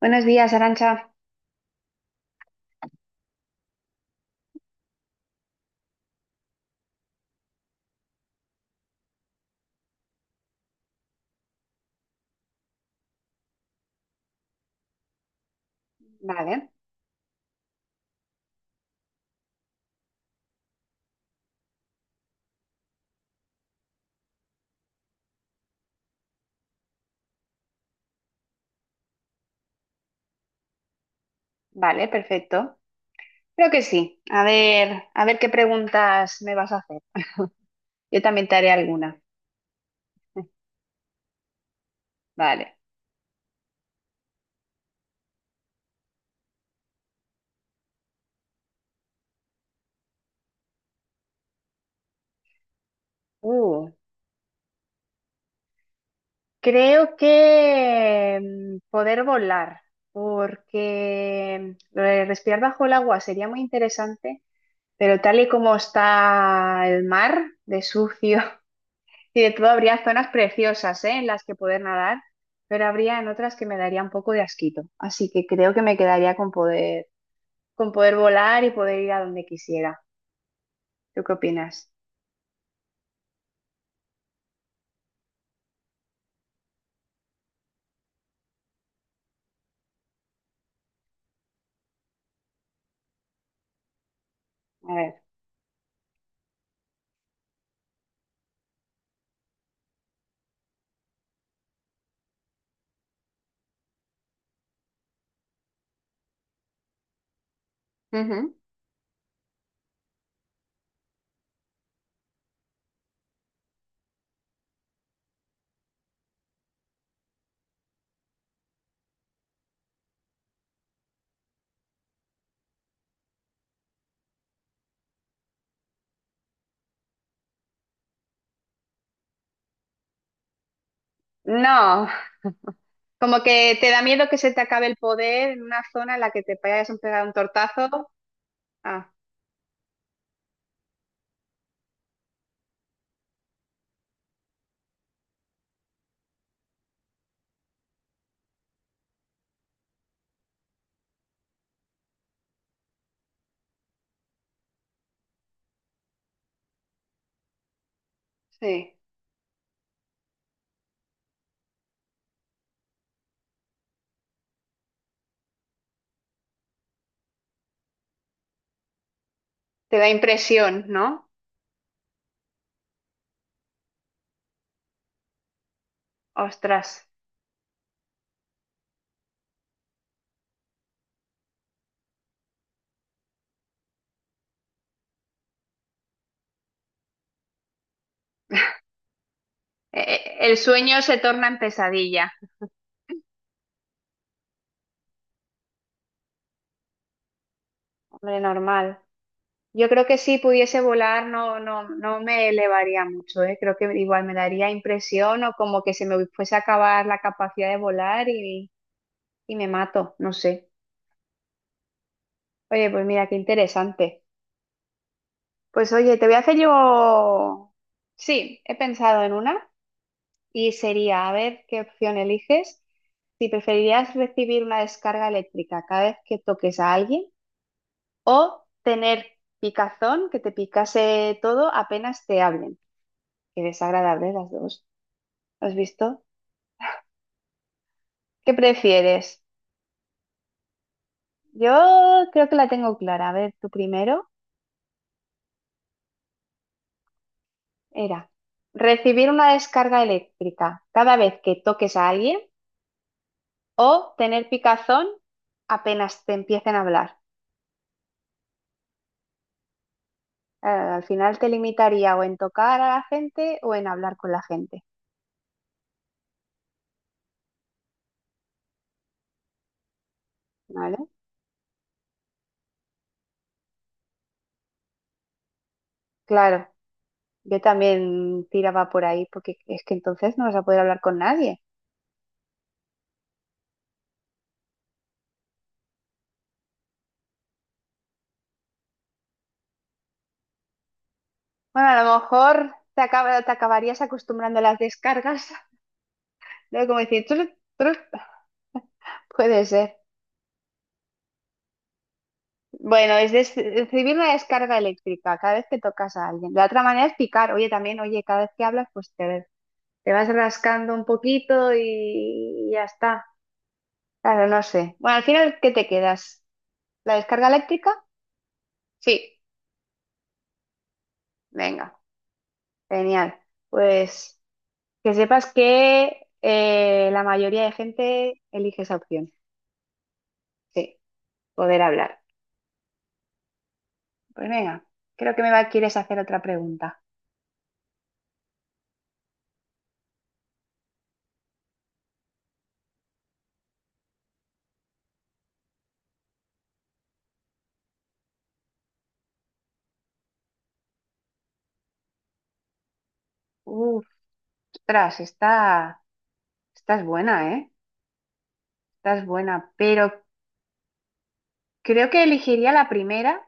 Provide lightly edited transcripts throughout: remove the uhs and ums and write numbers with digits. Buenos días, Arancha. Vale, vale, perfecto. Creo que sí. A ver qué preguntas me vas a hacer. Yo también te haré alguna. Vale. Uh, creo que poder volar, porque lo de respirar bajo el agua sería muy interesante, pero tal y como está el mar, de sucio y de todo, habría zonas preciosas, ¿eh? En las que poder nadar, pero habría en otras que me daría un poco de asquito. Así que creo que me quedaría con poder volar y poder ir a donde quisiera. ¿Tú qué opinas? A ver. Ujú. No, como que te da miedo que se te acabe el poder en una zona en la que te vayas a pegar un tortazo. Ah, sí. Te da impresión, ¿no? Ostras. El sueño se torna en pesadilla. Hombre, normal. Yo creo que si pudiese volar no me elevaría mucho, ¿eh? Creo que igual me daría impresión o como que se me fuese a acabar la capacidad de volar y me mato, no sé. Oye, pues mira, qué interesante. Pues oye, te voy a hacer yo... Sí, he pensado en una y sería, a ver qué opción eliges, si preferirías recibir una descarga eléctrica cada vez que toques a alguien o tener picazón, que te picase todo apenas te hablen. Qué desagradable las dos. ¿Has visto? ¿Qué prefieres? Yo creo que la tengo clara. A ver, tú primero era recibir una descarga eléctrica cada vez que toques a alguien o tener picazón apenas te empiecen a hablar. Al final te limitaría o en tocar a la gente o en hablar con la gente, ¿vale? Claro, yo también tiraba por ahí porque es que entonces no vas a poder hablar con nadie. Bueno, a lo mejor te acabarías acostumbrando a las descargas, ¿no? Como decir, "Tru, tru". Puede ser. Bueno, recibir una descarga eléctrica cada vez que tocas a alguien. La otra manera es picar. Oye, también, oye, cada vez que hablas, pues te vas rascando un poquito y ya está. Claro, no sé. Bueno, al final, ¿qué te quedas? ¿La descarga eléctrica? Sí, venga, genial. Pues que sepas que la mayoría de gente elige esa opción. Sí, poder hablar. Pues venga, creo que me va, quieres hacer otra pregunta. Uf, ostras, esta es buena, ¿eh? Esta es buena, pero creo que elegiría la primera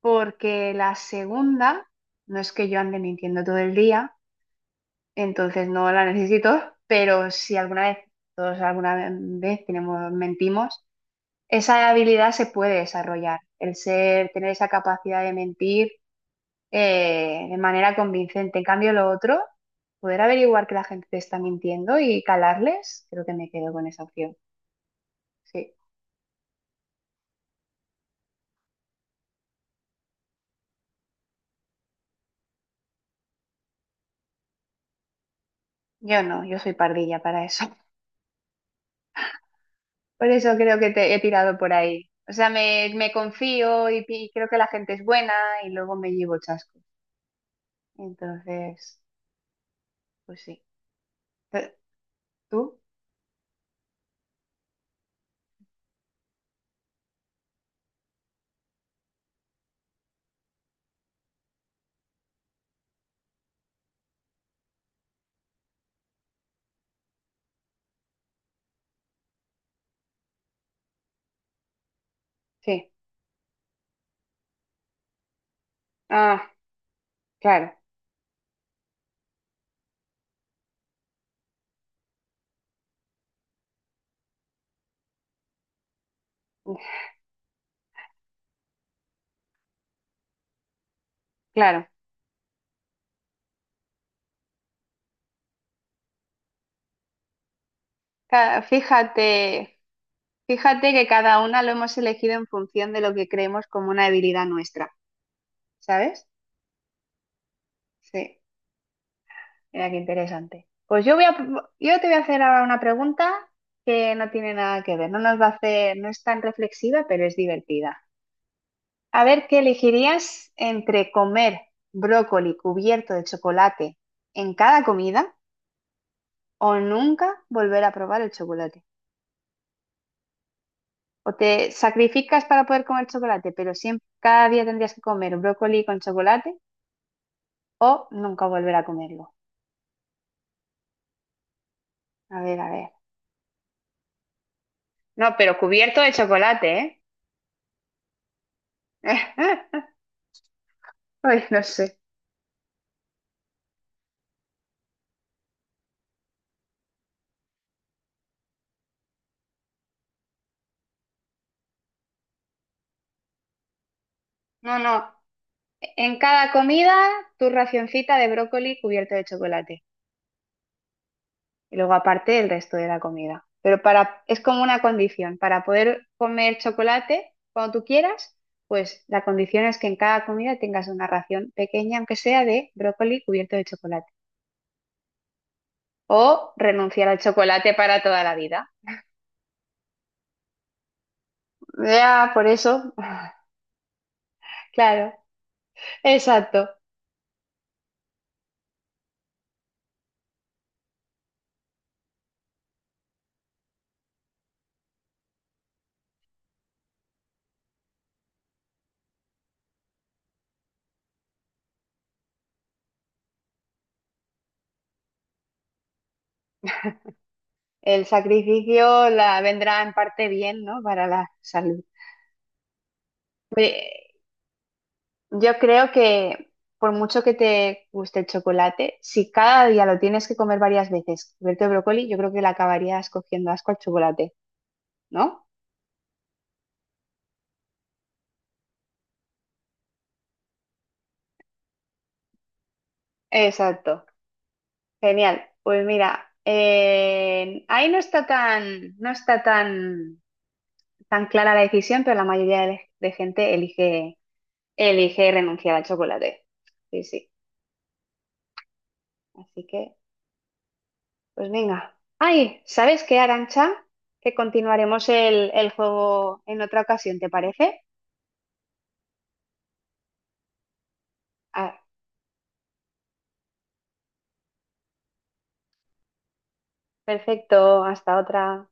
porque la segunda no es que yo ande mintiendo todo el día, entonces no la necesito, pero si alguna vez, todos alguna vez tenemos, mentimos, esa habilidad se puede desarrollar, el ser, tener esa capacidad de mentir de manera convincente. En cambio, lo otro, poder averiguar que la gente te está mintiendo y calarles, creo que me quedo con esa opción. Sí, yo no, yo soy pardilla para eso. Por eso creo que te he tirado por ahí. O sea, me confío y, y creo que la gente es buena y luego me llevo chasco. Entonces, pues sí. Eh, ¿Tú? Sí. Ah, claro, claro. Fíjate, fíjate que cada una lo hemos elegido en función de lo que creemos como una debilidad nuestra, ¿sabes? Sí, mira qué interesante. Yo te voy a hacer ahora una pregunta que no tiene nada que ver, no nos va a hacer, no es tan reflexiva, pero es divertida. A ver, ¿qué elegirías entre comer brócoli cubierto de chocolate en cada comida o nunca volver a probar el chocolate? O te sacrificas para poder comer chocolate, pero siempre, cada día tendrías que comer brócoli con chocolate o nunca volver a comerlo. A ver, a ver. No, pero cubierto de chocolate, ¿eh? Ay, no sé. No, no. En cada comida, tu racioncita de brócoli cubierto de chocolate. Y luego aparte el resto de la comida. Pero para, es como una condición, para poder comer chocolate cuando tú quieras, pues la condición es que en cada comida tengas una ración pequeña, aunque sea de brócoli cubierto de chocolate. O renunciar al chocolate para toda la vida. Ya, por eso, claro, exacto. El sacrificio la vendrá en parte bien, ¿no? Para la salud. Oye, yo creo que por mucho que te guste el chocolate, si cada día lo tienes que comer varias veces, cubierto de brócoli, yo creo que le acabarías cogiendo asco al chocolate, ¿no? Exacto. Genial. Pues mira, ahí no está tan, tan clara la decisión, pero de gente elige renunciar al chocolate. Sí, sí. Así que, pues venga. Ay, ¿sabes qué, Arancha? Que continuaremos el juego en otra ocasión, ¿te parece? Ah, perfecto, hasta otra.